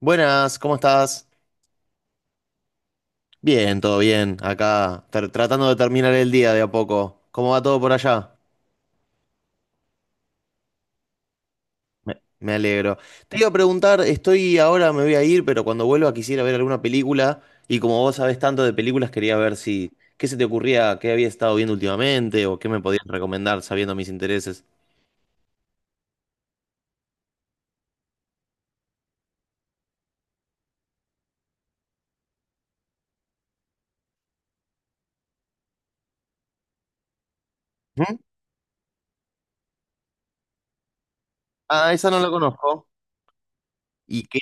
Buenas, ¿cómo estás? Bien, todo bien. Acá, tratando de terminar el día de a poco. ¿Cómo va todo por allá? Me alegro. Te iba a preguntar, estoy ahora, me voy a ir, pero cuando vuelva quisiera ver alguna película. Y como vos sabés tanto de películas, quería ver si, ¿qué se te ocurría, qué había estado viendo últimamente o qué me podías recomendar sabiendo mis intereses? ¿Mm? Ah, esa no la conozco. ¿Y qué?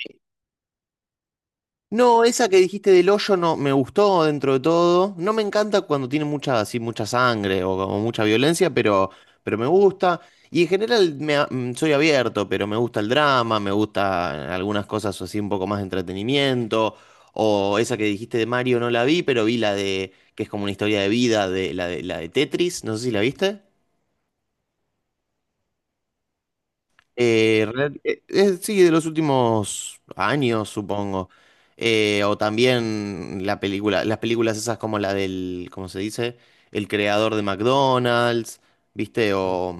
No, esa que dijiste del hoyo no me gustó dentro de todo. No me encanta cuando tiene mucha, así, mucha sangre o como mucha violencia, pero me gusta. Y en general soy abierto, pero me gusta el drama, me gusta algunas cosas así un poco más de entretenimiento. O esa que dijiste de Mario no la vi, pero vi la de, que es como una historia de vida, de la de, la de Tetris, no sé si la viste. Sí, de los últimos años, supongo. O también las películas esas como la del, ¿cómo se dice? El creador de McDonald's, ¿viste?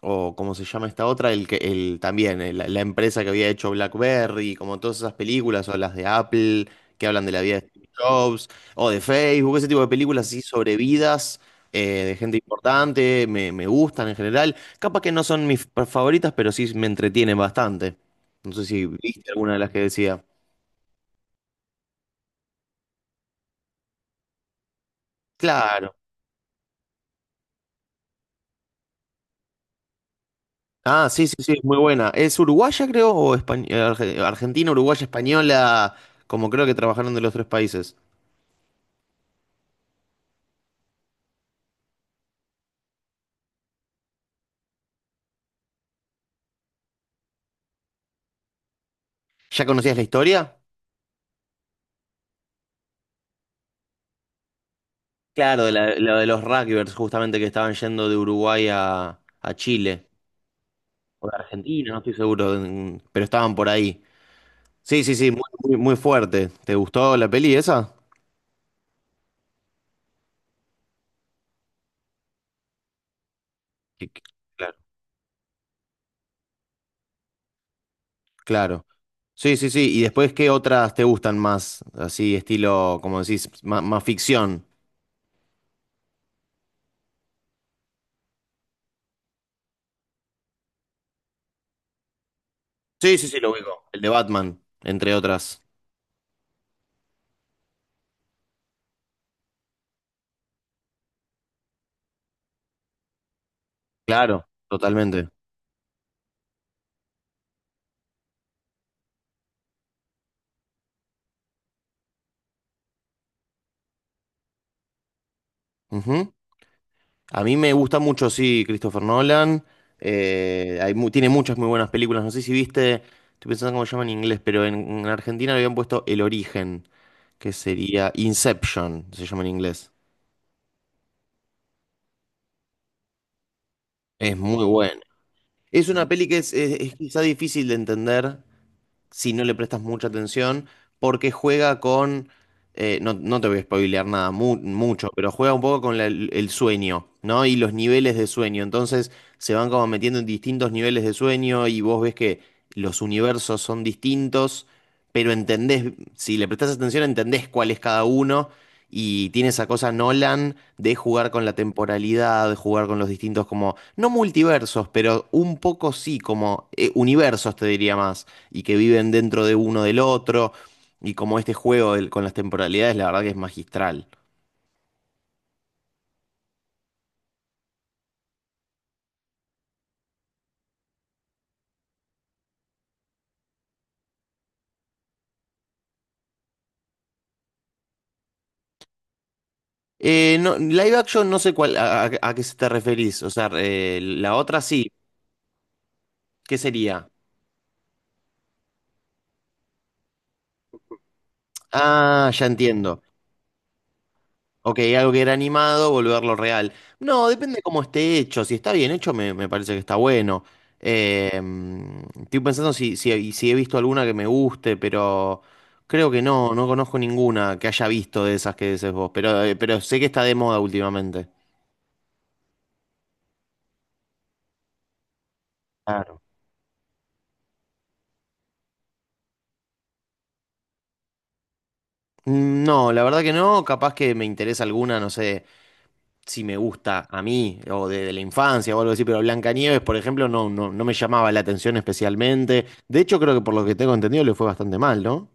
O ¿cómo se llama esta otra? El que, el, también, la empresa que había hecho BlackBerry, como todas esas películas, o las de Apple, que hablan de la vida de Steve Jobs, o de Facebook, ese tipo de películas así sobre vidas de gente importante, me gustan en general. Capaz que no son mis favoritas, pero sí me entretienen bastante. No sé si viste alguna de las que decía. Claro. Ah, sí, sí, sí, es muy buena. ¿Es uruguaya, creo, o argentina, uruguaya, española? Como creo que trabajaron de los tres países. ¿Ya conocías la historia? Claro, de la de los rugbyers, justamente que estaban yendo de Uruguay a Chile. O de Argentina, no estoy seguro, pero estaban por ahí. Sí, sí, sí, muy, muy, muy fuerte. ¿Te gustó la peli esa? Que- que- claro. Claro. Sí, sí, sí. ¿Y después qué otras te gustan más? Así, estilo, como decís, más, ficción. Sí, sí, sí, lo ubico. El de Batman, entre otras. Claro, totalmente. Ujú. A mí me gusta mucho, sí, Christopher Nolan. Tiene muchas muy buenas películas. No sé si viste, estoy pensando cómo se llama en inglés, pero en Argentina le habían puesto El Origen, que sería Inception, se llama en inglés. Es muy bueno. Es una peli que es quizá difícil de entender si no le prestas mucha atención, porque juega con, no te voy a spoilear nada mucho, pero juega un poco con el sueño, ¿no? Y los niveles de sueño. Entonces se van como metiendo en distintos niveles de sueño y vos ves que los universos son distintos, pero entendés, si le prestás atención, entendés cuál es cada uno y tiene esa cosa Nolan de jugar con la temporalidad, de jugar con los distintos, como, no multiversos, pero un poco sí, como universos, te diría más, y que viven dentro de uno del otro, y como este juego con las temporalidades, la verdad que es magistral. No, live action, no sé cuál, a qué se te referís, o sea, la otra sí, ¿qué sería? Ah, ya entiendo. Ok, algo que era animado, volverlo real. No, depende cómo esté hecho. Si está bien hecho, me parece que está bueno. Estoy pensando si he visto alguna que me guste, pero creo que no, no conozco ninguna que haya visto de esas que dices vos. Pero sé que está de moda últimamente. Claro. Mm, no, la verdad que no, capaz que me interesa alguna, no sé si me gusta a mí o de la infancia o algo así, pero Blancanieves, por ejemplo, no, no, no me llamaba la atención especialmente. De hecho, creo que por lo que tengo entendido le fue bastante mal, ¿no?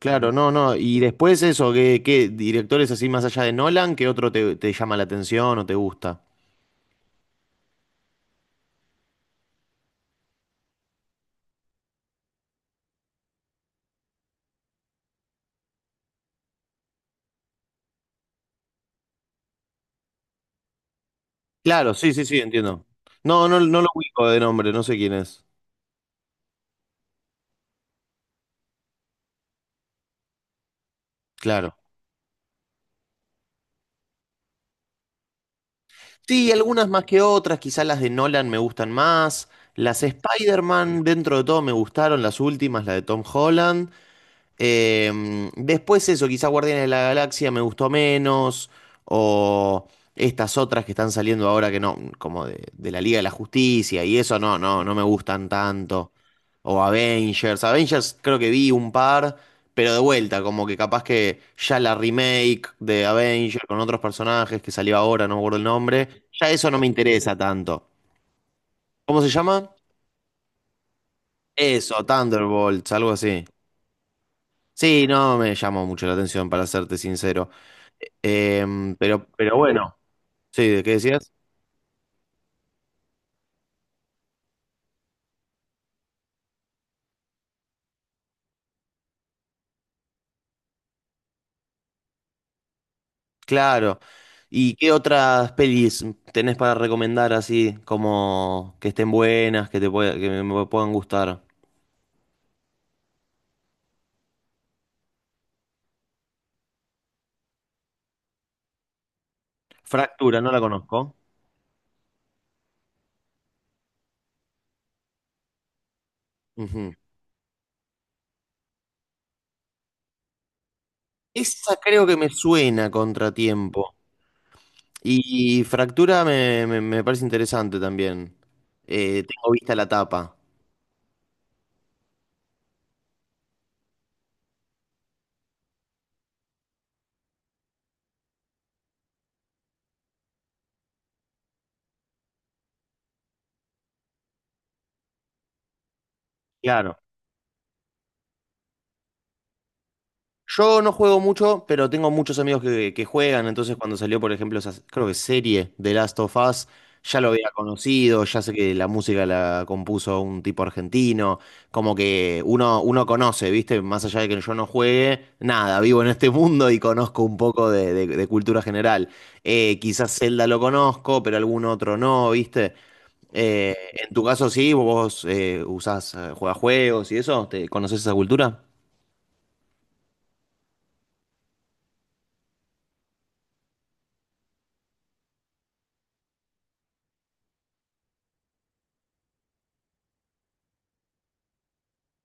Claro, mm, no, no. Y después eso, ¿qué directores así más allá de Nolan, qué otro te llama la atención o te gusta? Claro, sí, sí, sí, entiendo. No, no, no lo ubico de nombre, no sé quién es. Claro. Sí, algunas más que otras, quizás las de Nolan me gustan más. Las Spider-Man, dentro de todo, me gustaron las últimas, la de Tom Holland. Después eso, quizá Guardianes de la Galaxia me gustó menos, o estas otras que están saliendo ahora que no, como de la Liga de la Justicia y eso no, no, no me gustan tanto. O Avengers, Avengers creo que vi un par, pero de vuelta, como que capaz que ya la remake de Avengers con otros personajes que salió ahora, no me acuerdo el nombre, ya eso no me interesa tanto. ¿Cómo se llama? Eso, Thunderbolts, algo así. Sí, no me llamó mucho la atención, para serte sincero. Pero bueno, sí, ¿de qué decías? Claro. ¿Y qué otras pelis tenés para recomendar así, como que estén buenas, que me puedan gustar? Fractura, no la conozco. Ujú. Esa creo que me suena Contratiempo. Y Fractura me parece interesante también. Tengo vista la tapa. Claro. Yo no juego mucho, pero tengo muchos amigos que juegan, entonces cuando salió, por ejemplo, esa, creo que serie de Last of Us, ya lo había conocido, ya sé que la música la compuso un tipo argentino, como que uno, uno conoce, ¿viste? Más allá de que yo no juegue, nada, vivo en este mundo y conozco un poco de cultura general. Quizás Zelda lo conozco, pero algún otro no, ¿viste? Eh, en tu caso sí, vos usás, jugás juegos y eso, ¿te conoces esa cultura?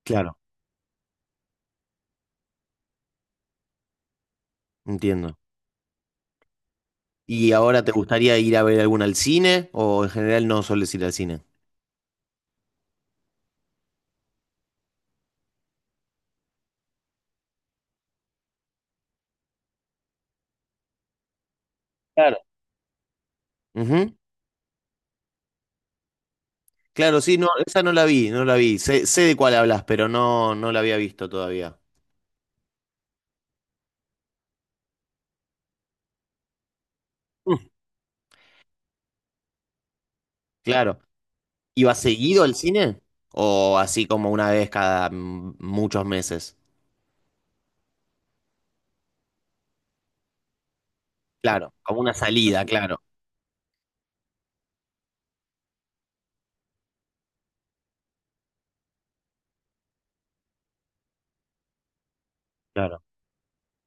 Claro. Entiendo. ¿Y ahora te gustaría ir a ver alguna al cine? ¿O en general no sueles ir al cine? Claro. Ujú. Claro, sí, no, esa no la vi, no la vi. Sé, sé de cuál hablas, pero no, no la había visto todavía. Mm, claro. ¿Iba seguido al cine? ¿O así como una vez cada mm, muchos meses? Claro, como una salida, claro.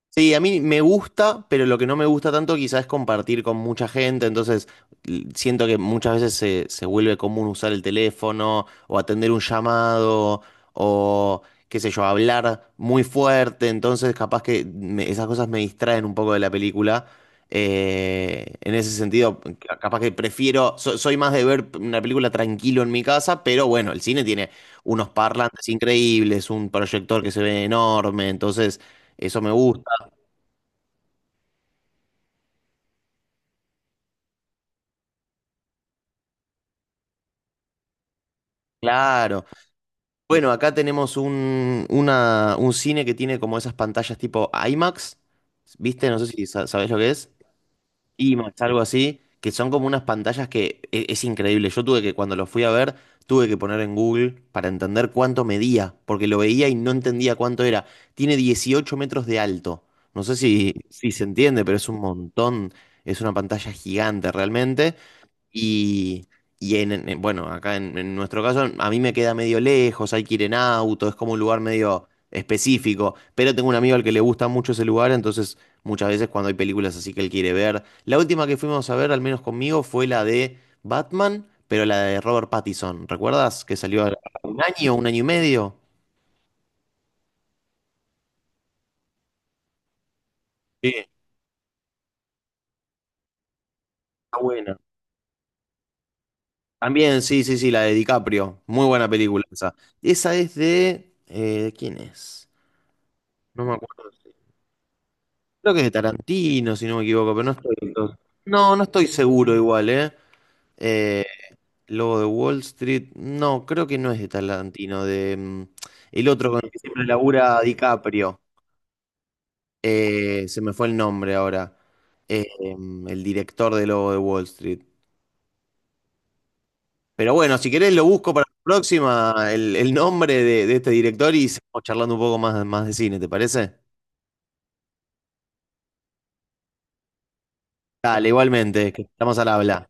Sí, a mí me gusta, pero lo que no me gusta tanto quizás es compartir con mucha gente, entonces siento que muchas veces se vuelve común usar el teléfono o atender un llamado o qué sé yo, hablar muy fuerte, entonces capaz que esas cosas me distraen un poco de la película. En ese sentido, capaz que prefiero, soy más de ver una película tranquilo en mi casa, pero bueno, el cine tiene unos parlantes increíbles, un proyector que se ve enorme, entonces... Eso me gusta. Claro. Bueno, acá tenemos un cine que tiene como esas pantallas tipo IMAX, ¿viste? No sé si sabés lo que es. IMAX, algo así, que son como unas pantallas que es increíble. Yo tuve que, cuando lo fui a ver, tuve que poner en Google para entender cuánto medía, porque lo veía y no entendía cuánto era. Tiene 18 metros de alto. No sé si se entiende, pero es un montón. Es una pantalla gigante realmente. Y, y bueno, acá en nuestro caso, a mí me queda medio lejos, hay que ir en auto, es como un lugar medio específico. Pero tengo un amigo al que le gusta mucho ese lugar, entonces muchas veces cuando hay películas así que él quiere ver. La última que fuimos a ver, al menos conmigo, fue la de Batman, pero la de Robert Pattinson. ¿Recuerdas? Que salió hace un año y medio. Sí. Está buena. También, sí, sí, sí, la de DiCaprio. Muy buena película esa. Esa es de, ¿quién es? No me acuerdo. Creo que es de Tarantino, si no me equivoco, pero no, no estoy seguro igual, ¿eh? Eh, Lobo de Wall Street. No, creo que no es de Tarantino, de el otro con el que siempre labura DiCaprio. Se me fue el nombre ahora. El director de Lobo de Wall Street. Pero bueno, si querés lo busco para la próxima, el nombre de este director y seguimos charlando un poco más, más de cine, ¿te parece? Dale, igualmente, que estamos al habla.